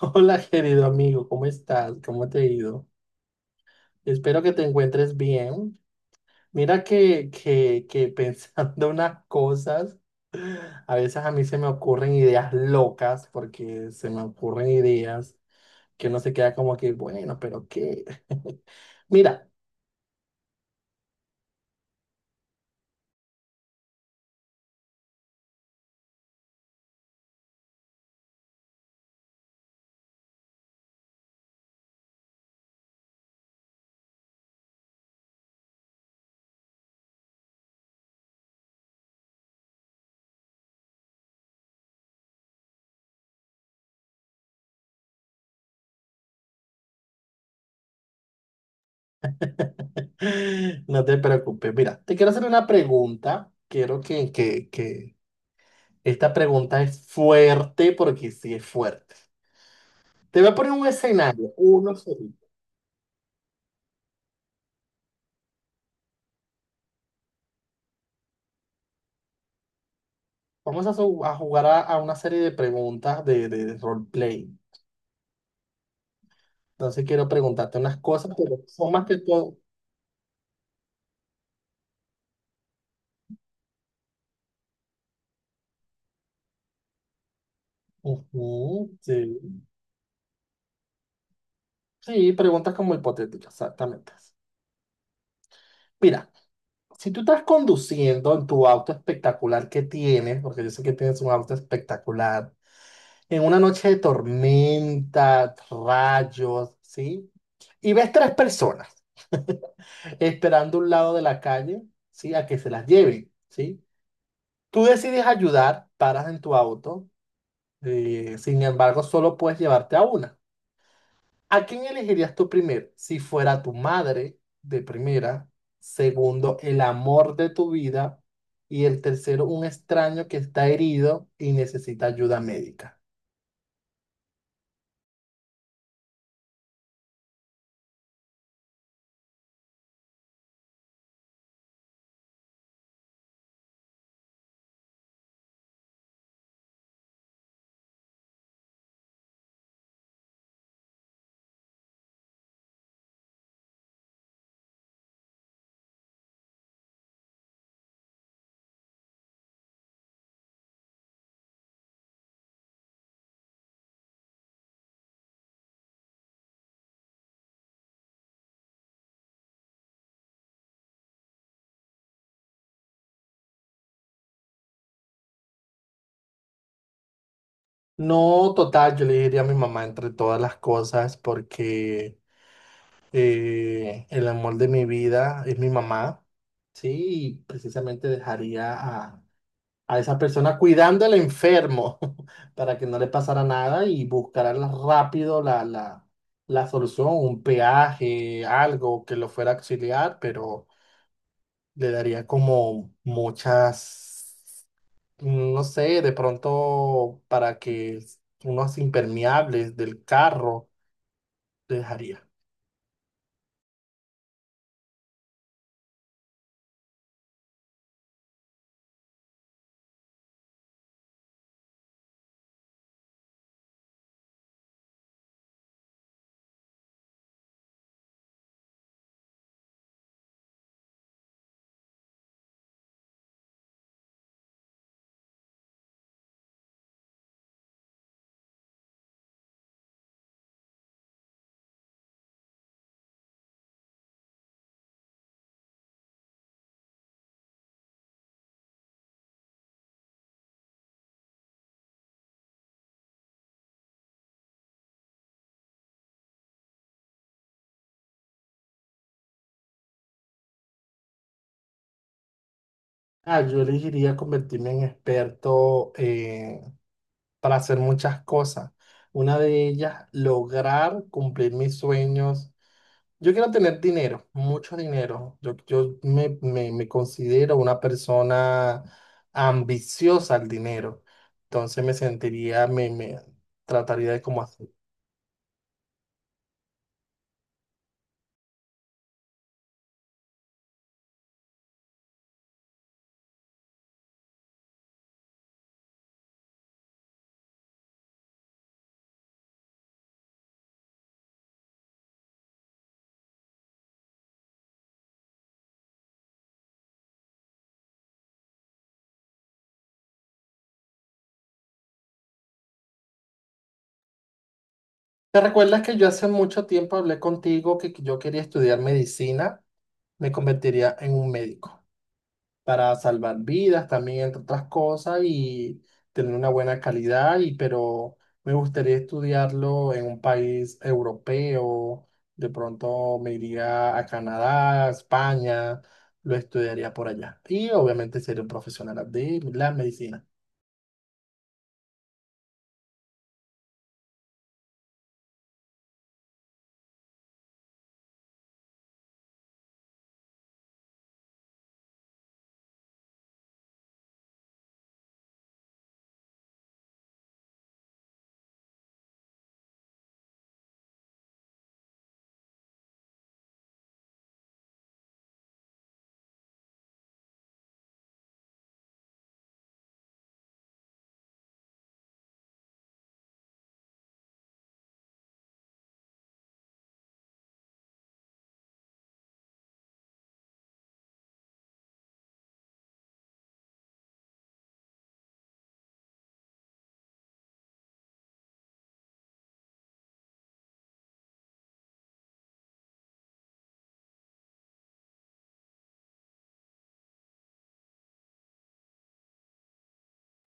Hola, querido amigo, ¿cómo estás? ¿Cómo te ha ido? Espero que te encuentres bien. Mira que pensando unas cosas, a veces a mí se me ocurren ideas locas, porque se me ocurren ideas que uno se queda como que, bueno, pero ¿qué? Mira, no te preocupes. Mira, te quiero hacer una pregunta. Quiero que esta pregunta es fuerte, porque sí es fuerte. Te voy a poner un escenario, uno solo. Vamos a jugar a una serie de preguntas de roleplay. Entonces quiero preguntarte unas cosas, pero son más que todo. Ujú, sí. Sí, preguntas como hipotéticas, exactamente. Mira, si tú estás conduciendo en tu auto espectacular que tienes, porque yo sé que tienes un auto espectacular, en una noche de tormenta, rayos, ¿sí? Y ves tres personas esperando a un lado de la calle, ¿sí? A que se las lleven, ¿sí? Tú decides ayudar, paras en tu auto, sin embargo, solo puedes llevarte a una. ¿A quién elegirías tú primero? Si fuera tu madre, de primera. Segundo, el amor de tu vida. Y el tercero, un extraño que está herido y necesita ayuda médica. No, total, yo le diría a mi mamá entre todas las cosas porque el amor de mi vida es mi mamá, ¿sí? Y precisamente dejaría a esa persona cuidando al enfermo para que no le pasara nada y buscará la- rápido la solución, un peaje, algo que lo fuera a auxiliar, pero le daría como muchas, no sé, de pronto para que unos impermeables del carro le dejaría. Ah, yo elegiría convertirme en experto para hacer muchas cosas. Una de ellas, lograr cumplir mis sueños. Yo quiero tener dinero, mucho dinero. Yo me considero una persona ambiciosa al dinero. Entonces me sentiría, me trataría de como hacer. ¿Te recuerdas que yo hace mucho tiempo hablé contigo que yo quería estudiar medicina? Me convertiría en un médico, para salvar vidas también, entre otras cosas, y tener una buena calidad, y, pero me gustaría estudiarlo en un país europeo, de pronto me iría a Canadá, a España, lo estudiaría por allá. Y obviamente sería un profesional de la medicina.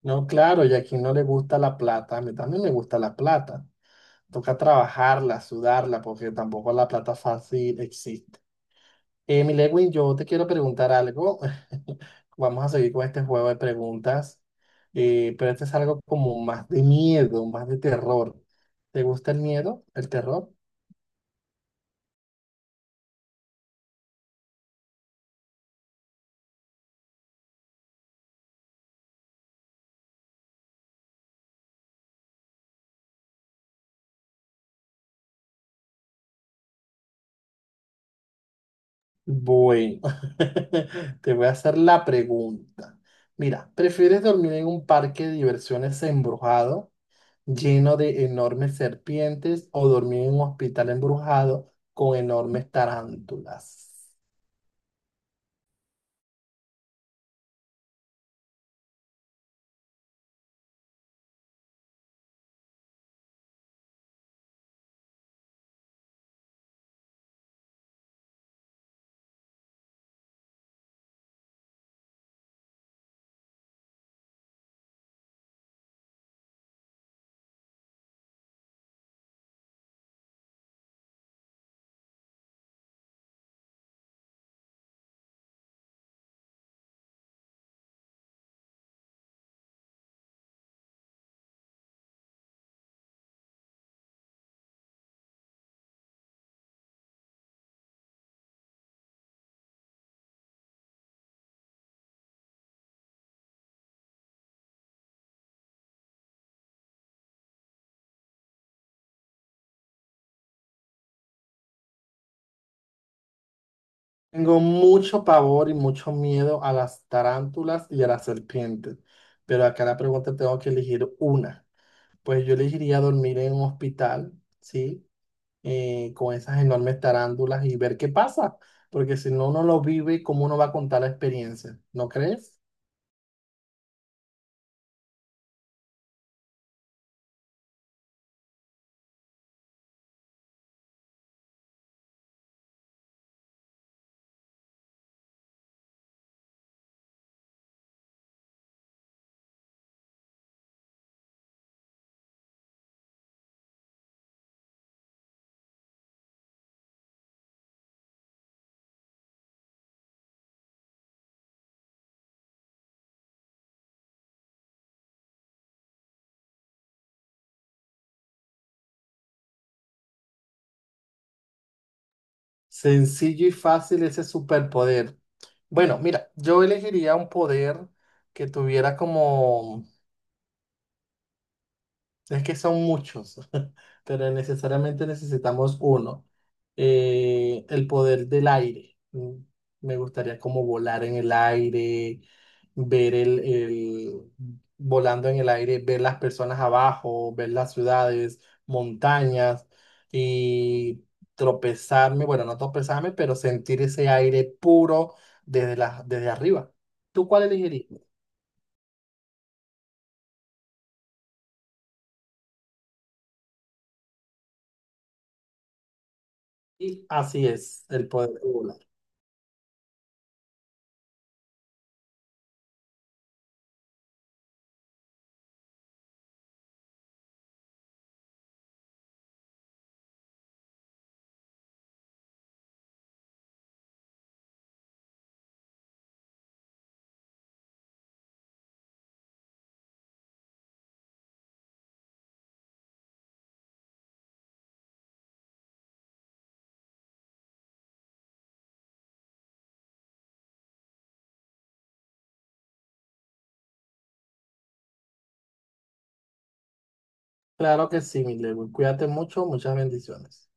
No, claro, y a quien no le gusta la plata, a mí también me gusta la plata. Toca trabajarla, sudarla, porque tampoco la plata fácil existe. Mi Lewin, yo te quiero preguntar algo. Vamos a seguir con este juego de preguntas, pero este es algo como más de miedo, más de terror. ¿Te gusta el miedo, el terror? Bueno, te voy a hacer la pregunta. Mira, ¿prefieres dormir en un parque de diversiones embrujado, lleno de enormes serpientes, o dormir en un hospital embrujado con enormes tarántulas? Tengo mucho pavor y mucho miedo a las tarántulas y a las serpientes, pero acá la pregunta tengo que elegir una. Pues yo elegiría dormir en un hospital, ¿sí? Con esas enormes tarántulas y ver qué pasa, porque si no uno lo vive, ¿cómo uno va a contar la experiencia? ¿No crees? Sencillo y fácil ese superpoder. Bueno, mira, yo elegiría un poder que tuviera como... Es que son muchos, pero necesariamente necesitamos uno. El poder del aire. Mm, me gustaría como volar en el aire, ver el volando en el aire, ver las personas abajo, ver las ciudades, montañas y tropezarme, bueno, no tropezarme, pero sentir ese aire puro desde desde arriba. ¿Tú cuál elegirías? Y así es, el poder volar. Claro que sí, mi Lewin. Cuídate mucho, muchas bendiciones.